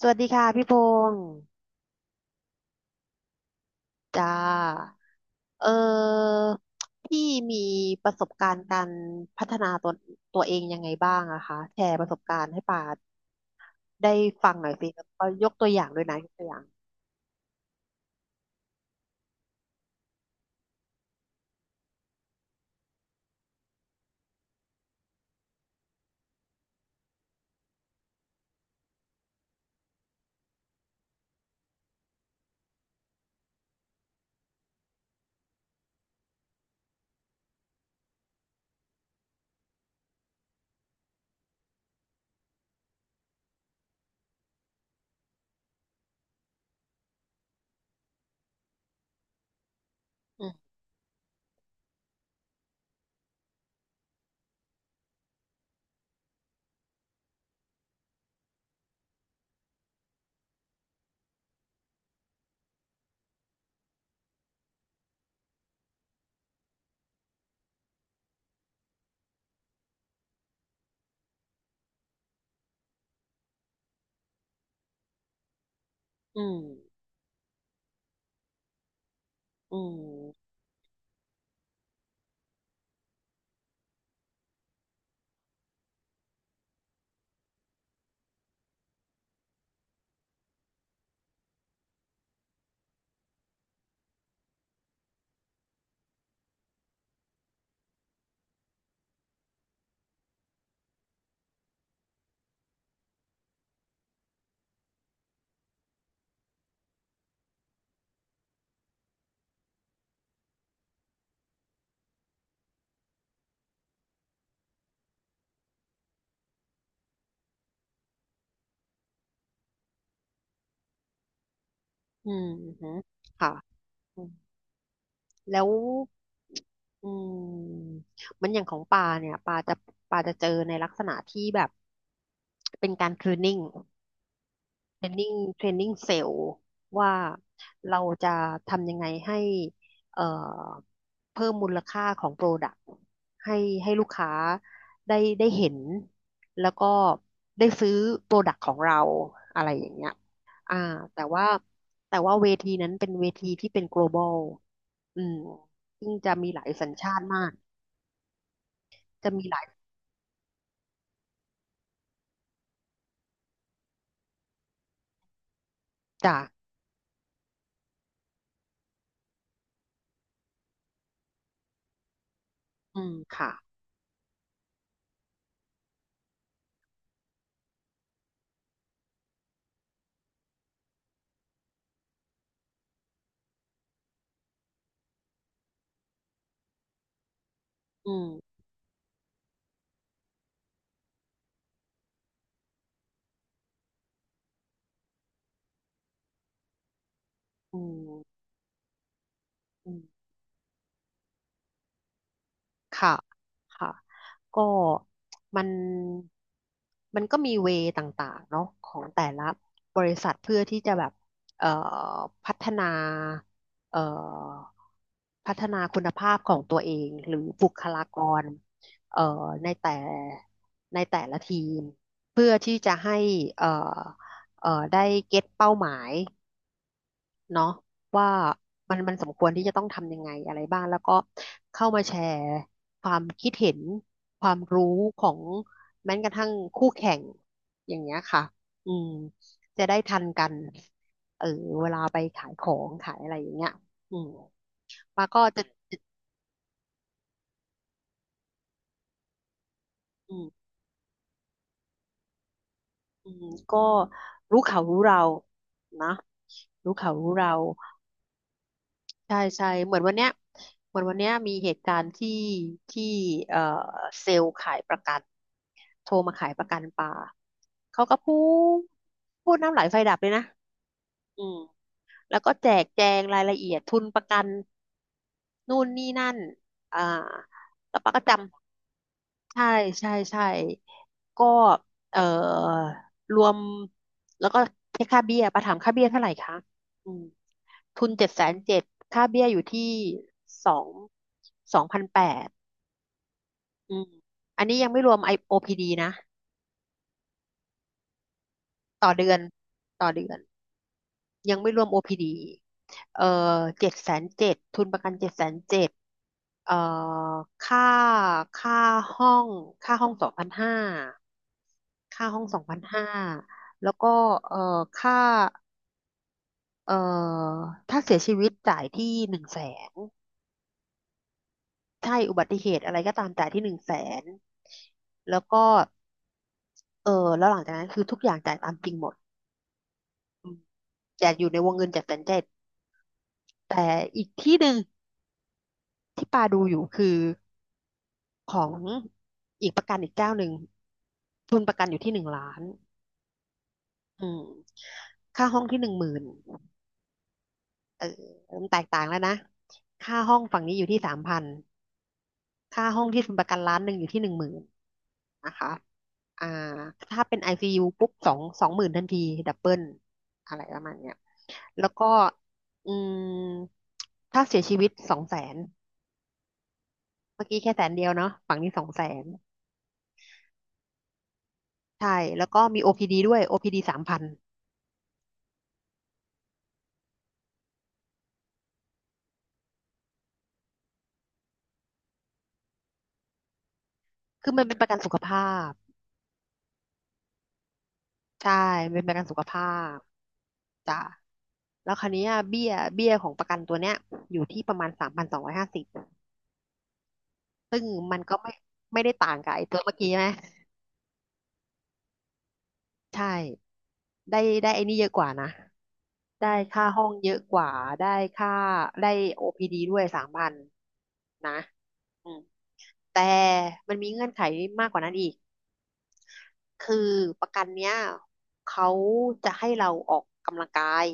สวัสดีค่ะพี่พงศ์จ้าเออพี่มีประสบการณ์การพัฒนาตัวเองยังไงบ้างอะคะแชร์ประสบการณ์ให้ป่าได้ฟังหน่อยสิแล้วก็ยกตัวอย่างด้วยนะยกตัวอย่างอืมอืมอืมอืมอือหือค่ะอืมแล้วอืมมันอย่างของปลาเนี่ยปลาจะเจอในลักษณะที่แบบเป็นการ t ร a น i n g เทรนนิ่งเทรนนิ่งเซลล์ว่าเราจะทำยังไงให้เอ่อเพิ่มมูลค่าของโปรดักต์ให้ให้ลูกค้าได้เห็นแล้วก็ได้ซื้อโปรดักต์ของเราอะไรอย่างเงี้ยอ่าแต่ว่าแต่ว่าเวทีนั้นเป็นเวทีที่เป็น global อืมซึ่งจะมีหลายสัญชาติมากจะมีหลายจากอืมค่ะอืมอืมอืม ค่ะค่ะก็มันมันก็มีเวย์ต่างๆเนาะของแต่ละบริษัทเพื่อที่จะแบบเอ่อพัฒนาเอ่อพัฒนาคุณภาพของตัวเองหรือบุคลากรเอ่อในแต่ในแต่ละทีมเพื่อที่จะให้เอ่อได้เก็ตเป้าหมาย เนาะว่ามันสมควรที่จะต้องทำยังไงอะไรบ้างแล้วก็เข้ามาแชร์ความคิดเห็นความรู้ของแม้กระทั่งคู่แข่งอย่างเงี้ยค่ะอืมจะได้ทันกันเออเวลาไปขายของขายอะไรอย่างเงี้ยอืมมาก็จะอืมอืมก็รู้เขารู้เรานะรู้เขารู้เรา ใช่ใช่เหมือนวันเนี้ยเหมือนวันเนี้ยมีเหตุการณ์ที่ที่เอ่อเซลล์ขายประกันโทรมาขายประกันปลาเขาก็ดพูดน้ำไหลไฟดับเลยนะอืมแล้วก็แจกแจงรายละเอียดทุนประกันนู่นนี่นั่นอ่าแล้วปาก็จำใช่ใช่ใช่ก็เอ่อรวมแล้วก็เช็คค่าเบี้ยปาถามค่าเบี้ยเท่าไหร่คะอืม ทุนเจ็ดแสนเจ็ดค่าเบี้ยอยู่ที่สองสองพันแปดอืมอันนี้ยังไม่รวมไอ OPD นะ ต่อเดือน ต่อเดือน ยังไม่รวม OPD เอ่อเจ็ดแสนเจ็ดทุนประกันเจ็ดแสนเจ็ดเอ่อค่าค่าห้องค่าห้องสองพันห้าค่าห้องสองพันห้าแล้วก็เอ่อค่าเอ่อถ้าเสียชีวิตจ่ายที่หนึ่งแสนใช่อุบัติเหตุอะไรก็ตามจ่ายที่หนึ่งแสนแล้วก็ เออแล้วหลังจากนั้นคือทุกอย่างจ่ายตามจริงหมดอืมแต่อยู่ในวงเงินเจ็ดแสนเจ็ดแต่อีกที่หนึ่งที่ปาดูอยู่คือของอีกประกันอีกเจ้าหนึ่งทุนประกันอยู่ที่หนึ่งล้านอืมค่าห้องที่หนึ่งหมื่นเออมันแตกต่างแล้วนะค่าห้องฝั่งนี้อยู่ที่สามพันค่าห้องที่ทุนประกันล้านหนึ่งอยู่ที่หนึ่งหมื่น นะคะอ่าถ้าเป็น ICU ปุ๊บสองหมื่นทันที ดับเบิลอะไรประมาณเนี้ยแล้วก็อืมถ้าเสียชีวิตสองแสน เมื่อกี้แค่แสนเดียวเนาะฝั่งนี้สองแสนใช่แล้วก็มี OPD ดด้วย OPD สามพันคือมันเป็นประกันสุขภาพ ใช่มันเป็นประกันสุขภาพจ้ะแล้วคราวเนี้ยเบี้ยของประกันตัวเนี้ยอยู่ที่ประมาณสามพันสองร้อยห้าสิบซึ่งมันก็ไม่ได้ต่างกับไอ้ตัวเมื่อกี้ใช่ไหมใช่ได้ไอ้นี่เยอะกว่านะ ได้ค่าห้องเยอะกว่าได้ค่าได้ OPD ดด้วยสามพันนะอืมแต่มันมีเงื่อนไขมากกว่านั้นอีกคือประกันเนี้ยเขาจะให้เราออกกำลังกาย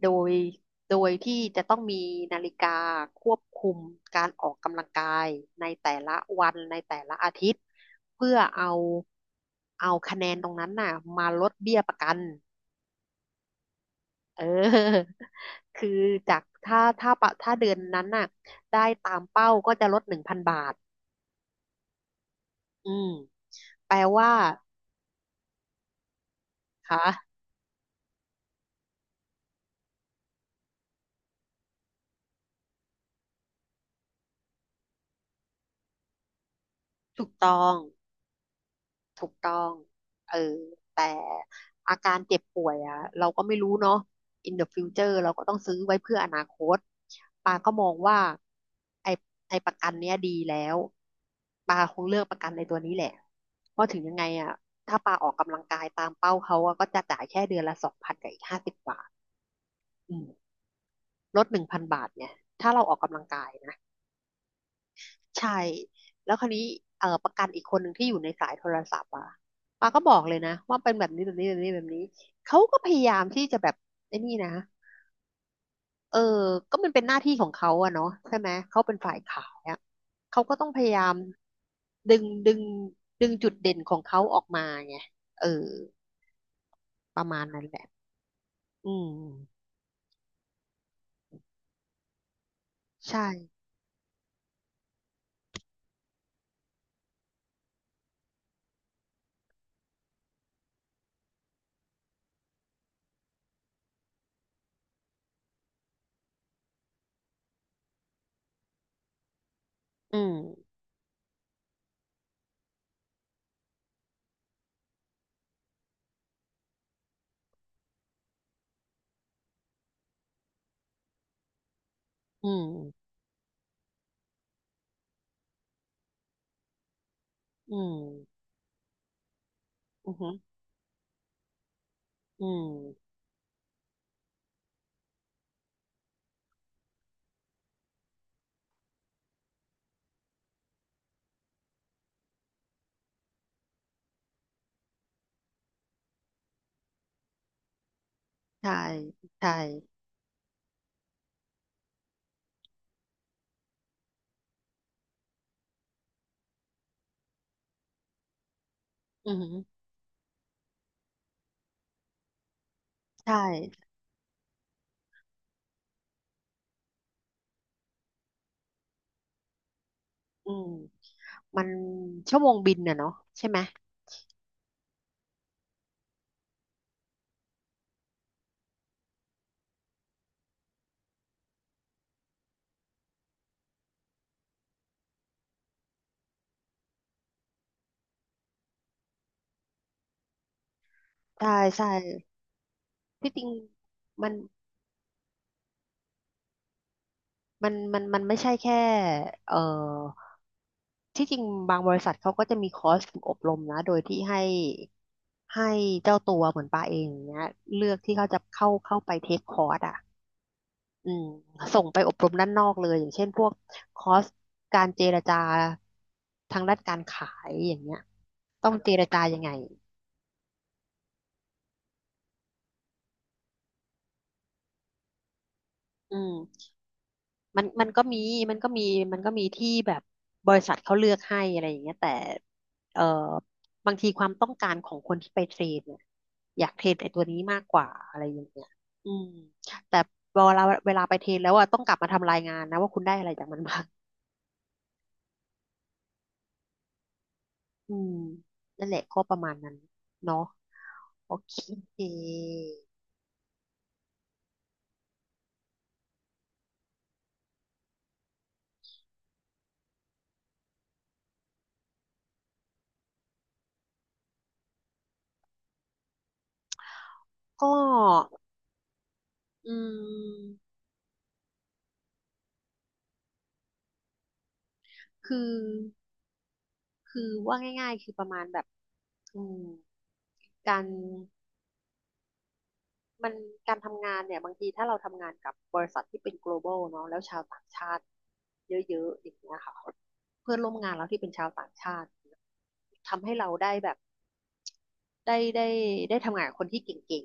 โดยโดยที่จะต้องมีนาฬิกาควบคุมการออกกำลังกายในแต่ละวันในแต่ละอาทิตย์เพื่อเอาคะแนนตรงนั้นน่ะมาลดเบี้ยประกัน เออ คือจากถ้าเดือนนั้นน่ะได้ตามเป้าก็จะลดหนึ่งพันบาท อืม แปลว่าค่ะถูกต้อง ถูกต้องเออแต่อาการเจ็บป่วยอ่ะเราก็ไม่รู้เนาะ in the future เราก็ต้องซื้อไว้เพื่ออนาคต ปาก็มองว่า ไอ้ไอ้ประกันเนี้ยดีแล้ว ปาคงเลือกประกันในตัวนี้แหละ เพราะถึงยังไงอ่ะถ้าปาออกกำลังกายตามเป้าเขาอะก็จะจ่ายแค่เดือนละสองพันกับอีกห้าสิบบาทอืมลดหนึ่งพันบาทเนี่ย ถ้าเราออกกำลังกายนะ ใช่แล้วคราวนี้ประกันอีกคนหนึ่งที่อยู่ในสายโทรศัพท์อ่ะปาก็บอกเลยนะว่าเป็นแบบนี้แบบนี้แบบนี้แบบนี้เขาก็พยายามที่จะแบบไอ้นี่นะเออก็มันเป็นหน้าที่ของเขาอะเนาะใช่ไหมเขาเป็นฝ่ายขายอะเขาก็ต้องพยายามดึงดึงดึงจุดเด่นของเขาออกมาไงเออประมาณนั้นแหละอืมใช่อืมอืมอืมอืมอหืออืมใช่ใช่อืมใช่อืม มันชั่วโมงบินน่ะเนาะใช่ไหมใช่ใช่ที่จริงมันมันไม่ใช่แค่เอ่อที่จริงบางบริษัทเขาก็จะมีคอร์สฝึกอบรมนะโดยที่ให้ให้เจ้าตัวเหมือนปาเองอย่างเนี้ยเลือกที่เขาจะเข้าเข้าไปเทคคอร์สอ่ะอืมส่งไปอบรมด้านนอกเลยอย่างเช่นพวกคอร์สการเจรจาทางด้านการขายอย่างเงี้ยต้องเจรจายังไงอืม มันมันก็มีมันก็มีมันก็มีที่แบบบริษัทเขาเลือกให้อะไรอย่างเงี้ยแต่เอ่อบางทีความต้องการของคนที่ไปเทรดเนี่ยอยากเทรดไอ้ตัวนี้มากกว่าอะไรอย่างเงี้ยอืมแต่เวลาไปเทรดแล้วอะต้องกลับมาทำรายงานนะว่าคุณได้อะไรจากมันบ้า งอืมนั่นแหละก็ประมาณนั้นเนาะโอเคก็อืมคือคือว่าง่ายๆคือประมาณแบบอืมการ มันการทำงานเนี่ยบางทีถ้าเราทำงานกับบริษัทที่เป็น global เนาะแล้วชาวต่างชาติเยอะๆอย่างเงี้ยค่ะเพื่อนร่วมงานเราที่เป็นชาวต่างชาติทำให้เราได้แบบได้ได้ได้ทำงานกับคนที่เก่ง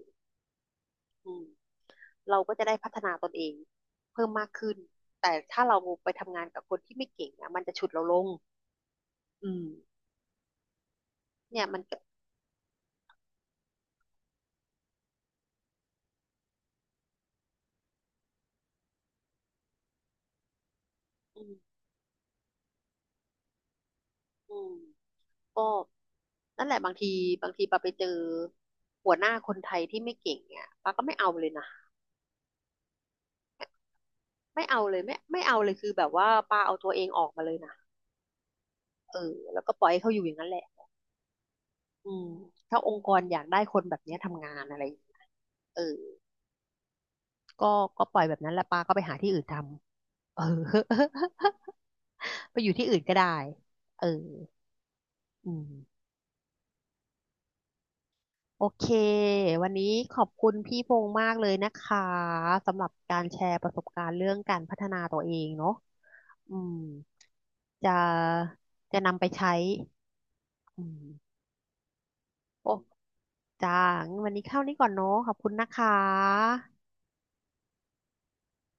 ๆอืมเราก็จะได้พัฒนาตนเองเพิ่มมากขึ้นแต่ถ้าเราไปทำงานกับคนที่ไม่เก่งอ่ะมันจะฉุดเราลงอืมเนี่ยมันก็อืมอืมก็นั่นแหละบางทีบางทีปาไปเจอหัวหน้าคนไทยที่ไม่เก่งเนี่ยปาก็ไม่เอาเลยนะ ไม่เอาเลยไม่เอาเลยคือแบบว่าป้าเอาตัวเองออกมาเลยนะเออแล้วก็ปล่อยให้เขาอยู่อย่างนั้นแหละอืมถ้าองค์กรอยากได้คนแบบเนี้ยทำงานอะไรอย่างเงี้ยเออก็ก็ปล่อยแบบนั้นแล้วปาก็ไปหาที่อื่นทำเออ ไปอยู่ที่อื่นก็ได้เอออืมโอเควันนี้ขอบคุณพี่พงษ์มากเลยนะคะสำหรับการแชร์ประสบการณ์เรื่องการพัฒนาตัวเองเนาะอืมจะจะนำไปใช้อืมโอ้ จ้างั้นวันนี้เข้านี้ก่อนเนาะขอบคุณนะคะ